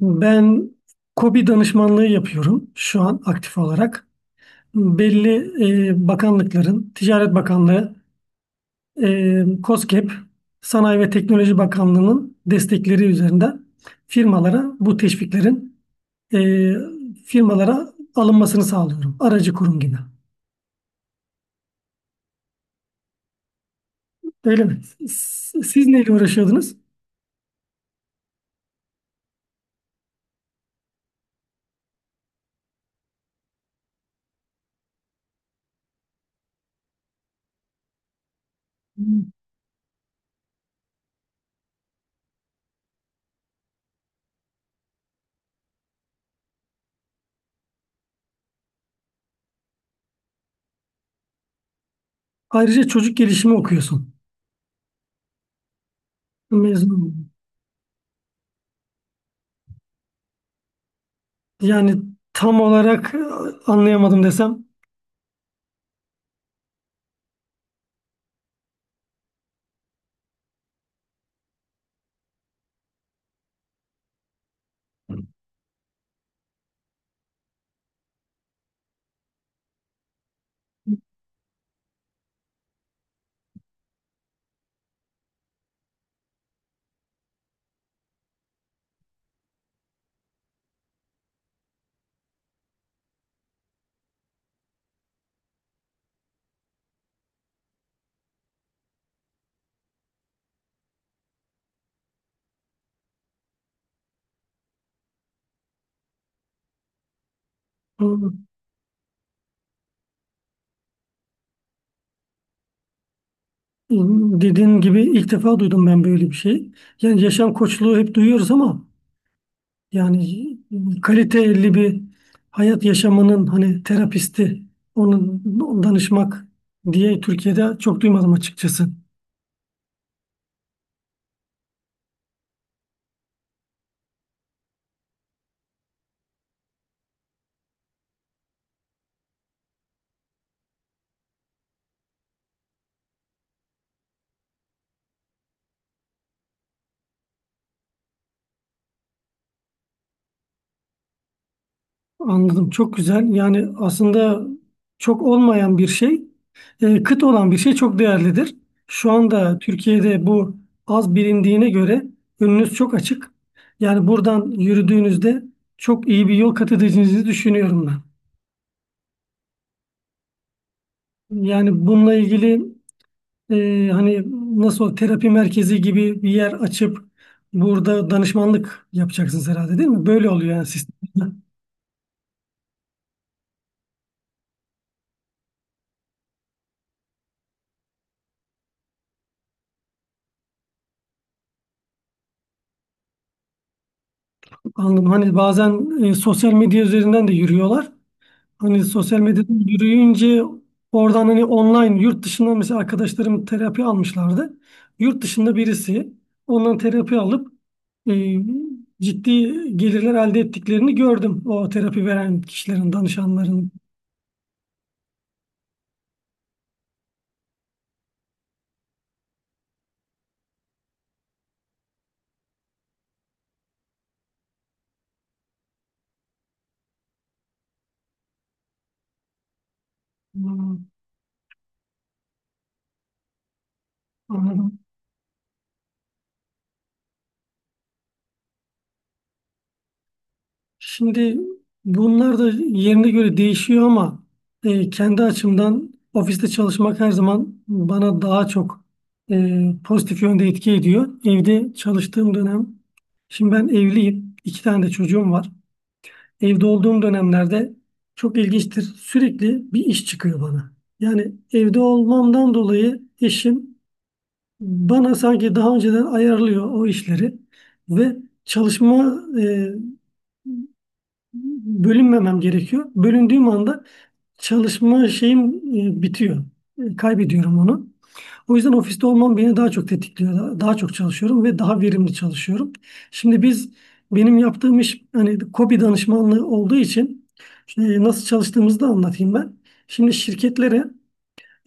Ben KOBİ danışmanlığı yapıyorum şu an aktif olarak. Belli bakanlıkların, Ticaret Bakanlığı, KOSGEB, Sanayi ve Teknoloji Bakanlığı'nın destekleri üzerinden firmalara bu teşviklerin e, firmalara alınmasını sağlıyorum. Aracı kurum gibi. Öyle mi? Siz neyle uğraşıyordunuz? Ayrıca çocuk gelişimi okuyorsun. Mezun oldum. Yani tam olarak anlayamadım desem. Dediğin gibi ilk defa duydum ben böyle bir şey. Yani yaşam koçluğu hep duyuyoruz ama yani kaliteli bir hayat yaşamının hani terapisti, onun danışmak diye Türkiye'de çok duymadım açıkçası. Anladım. Çok güzel. Yani aslında çok olmayan bir şey, kıt olan bir şey çok değerlidir. Şu anda Türkiye'de bu az bilindiğine göre önünüz çok açık. Yani buradan yürüdüğünüzde çok iyi bir yol kat edeceğinizi düşünüyorum ben. Yani bununla ilgili hani nasıl terapi merkezi gibi bir yer açıp burada danışmanlık yapacaksınız herhalde değil mi? Böyle oluyor yani sistemde. Anladım. Hani bazen sosyal medya üzerinden de yürüyorlar. Hani sosyal medyada yürüyünce oradan hani online yurt dışından mesela arkadaşlarım terapi almışlardı. Yurt dışında birisi ondan terapi alıp e, ciddi gelirler elde ettiklerini gördüm. O terapi veren kişilerin, danışanların. Hmm, Anladım. Şimdi bunlar da yerine göre değişiyor ama kendi açımdan ofiste çalışmak her zaman bana daha çok pozitif yönde etki ediyor. Evde çalıştığım dönem, şimdi ben evliyim, iki tane de çocuğum var. Evde olduğum dönemlerde çok ilginçtir. Sürekli bir iş çıkıyor bana. Yani evde olmamdan dolayı eşim bana sanki daha önceden ayarlıyor o işleri ve çalışma bölünmemem gerekiyor. Bölündüğüm anda çalışma şeyim bitiyor. Kaybediyorum onu. O yüzden ofiste olmam beni daha çok tetikliyor. Daha çok çalışıyorum ve daha verimli çalışıyorum. Şimdi biz benim yaptığım iş hani KOBİ danışmanlığı olduğu için nasıl çalıştığımızı da anlatayım ben. Şimdi şirketlere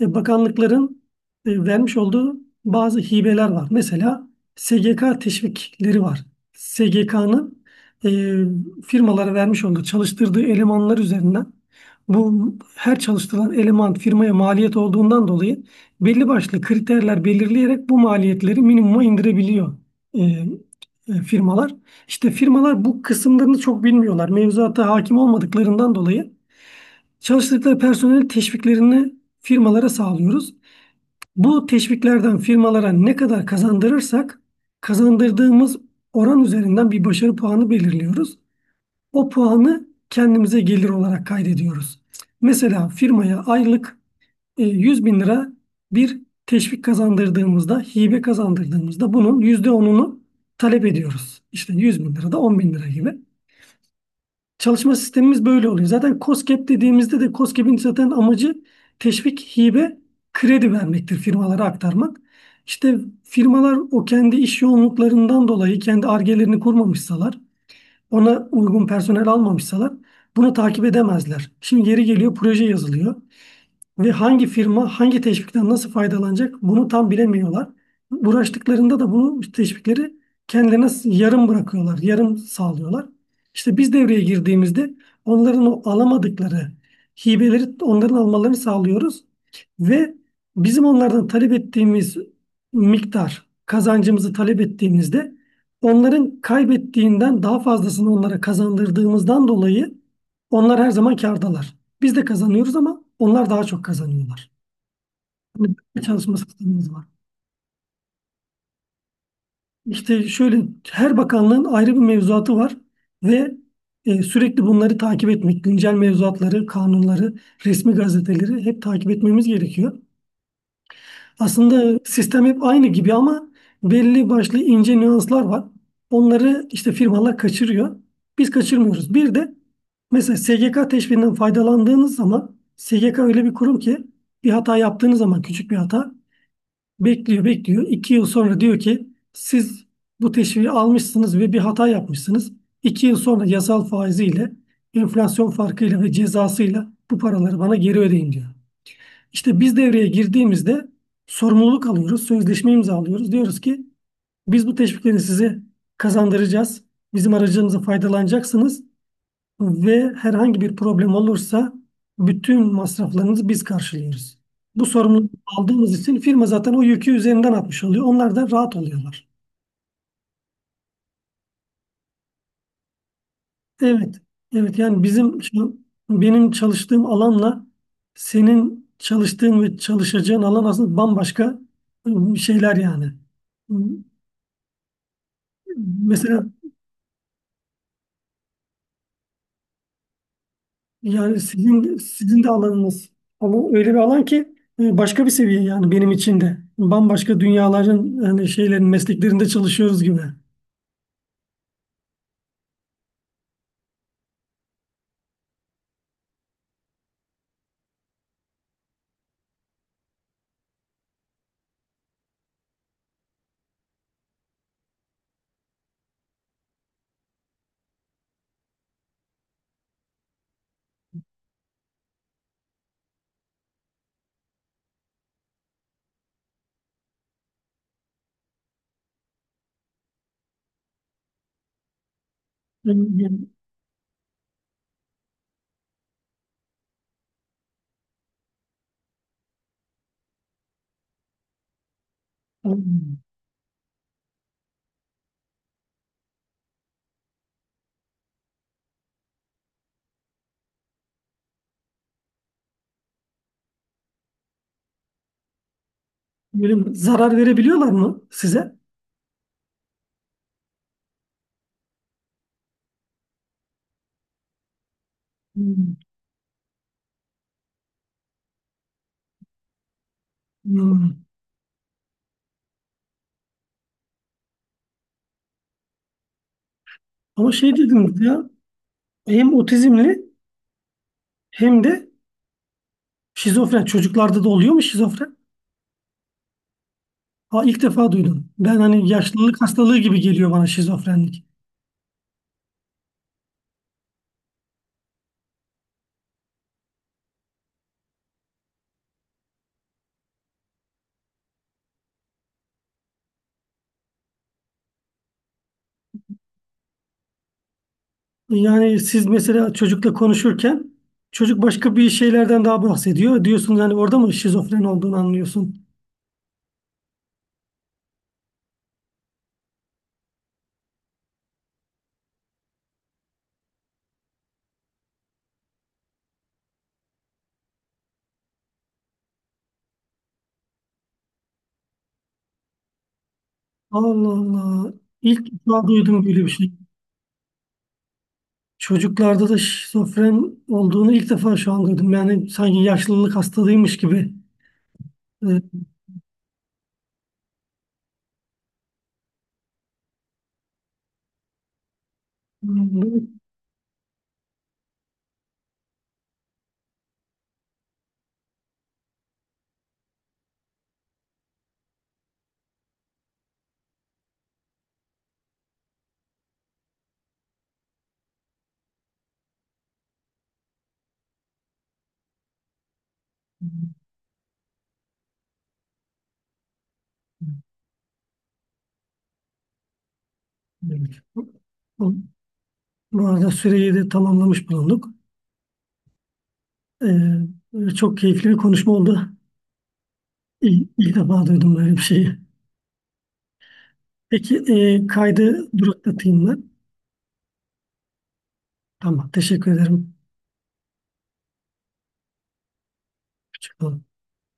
bakanlıkların vermiş olduğu bazı hibeler var. Mesela SGK teşvikleri var. SGK'nın e, firmalara vermiş olduğu çalıştırdığı elemanlar üzerinden bu her çalıştırılan eleman firmaya maliyet olduğundan dolayı belli başlı kriterler belirleyerek bu maliyetleri minimuma indirebiliyor e, firmalar. İşte firmalar bu kısımlarını çok bilmiyorlar. Mevzuata hakim olmadıklarından dolayı çalıştıkları personel teşviklerini firmalara sağlıyoruz. Bu teşviklerden firmalara ne kadar kazandırırsak kazandırdığımız oran üzerinden bir başarı puanı belirliyoruz. O puanı kendimize gelir olarak kaydediyoruz. Mesela firmaya aylık 100 bin lira bir teşvik kazandırdığımızda, hibe kazandırdığımızda bunun %10'unu talep ediyoruz. İşte 100 bin lira da 10 bin lira gibi. Çalışma sistemimiz böyle oluyor. Zaten KOSGEB dediğimizde de KOSGEB'in zaten amacı teşvik, hibe, kredi vermektir firmalara aktarmak. İşte firmalar o kendi iş yoğunluklarından dolayı kendi argelerini kurmamışsalar, ona uygun personel almamışsalar bunu takip edemezler. Şimdi yeri geliyor proje yazılıyor ve hangi firma hangi teşvikten nasıl faydalanacak bunu tam bilemiyorlar. Uğraştıklarında da bu teşvikleri kendilerine yarım bırakıyorlar, yarım sağlıyorlar. İşte biz devreye girdiğimizde onların o alamadıkları hibeleri onların almalarını sağlıyoruz ve bizim onlardan talep ettiğimiz miktar kazancımızı talep ettiğimizde onların kaybettiğinden daha fazlasını onlara kazandırdığımızdan dolayı onlar her zaman kârdalar. Biz de kazanıyoruz ama onlar daha çok kazanıyorlar. Hani böyle bir çalışma sistemimiz var. İşte şöyle her bakanlığın ayrı bir mevzuatı var ve sürekli bunları takip etmek, güncel mevzuatları, kanunları, resmi gazeteleri hep takip etmemiz gerekiyor. Aslında sistem hep aynı gibi ama belli başlı ince nüanslar var. Onları işte firmalar kaçırıyor. Biz kaçırmıyoruz. Bir de mesela SGK teşviğinden faydalandığınız zaman SGK öyle bir kurum ki bir hata yaptığınız zaman küçük bir hata bekliyor, bekliyor. İki yıl sonra diyor ki siz bu teşviği almışsınız ve bir hata yapmışsınız. İki yıl sonra yasal faiziyle, enflasyon farkıyla ve cezasıyla bu paraları bana geri ödeyin diyor. İşte biz devreye girdiğimizde sorumluluk alıyoruz, sözleşme imzalıyoruz. Diyoruz ki biz bu teşvikleri size kazandıracağız. Bizim aracımıza faydalanacaksınız ve herhangi bir problem olursa bütün masraflarınızı biz karşılıyoruz. Bu sorumluluğu aldığımız için firma zaten o yükü üzerinden atmış oluyor. Onlar da rahat oluyorlar. Evet. Evet, yani benim çalıştığım alanla senin çalıştığın ve çalışacağın alan aslında bambaşka şeyler yani. Mesela yani sizin, sizin de alanınız. Ama öyle bir alan ki başka bir seviye yani benim için de. Bambaşka dünyaların yani şeylerin mesleklerinde çalışıyoruz gibi. Yani- yani- Böyle mi? Zarar verebiliyorlar mı size? Hmm. Hmm. Ama şey dediniz ya, hem otizmli hem de şizofren. Çocuklarda da oluyor mu şizofren? Ha, ilk defa duydum. Ben hani yaşlılık hastalığı gibi geliyor bana şizofrenlik. Yani siz mesela çocukla konuşurken çocuk başka bir şeylerden daha bahsediyor. Diyorsunuz hani orada mı şizofren olduğunu anlıyorsun. Allah Allah. İlk defa duydum böyle bir şey. Çocuklarda da şizofren olduğunu ilk defa şu an duydum. Yani sanki yaşlılık hastalığıymış gibi. Ee, bu- Evet. Bu bu arada süreyi de tamamlamış bulunduk. Çok keyifli bir konuşma oldu. İlk defa duydum böyle bir şeyi. Peki kaydı duraklatayım ben. Tamam, teşekkür ederim. Hoşça kalın.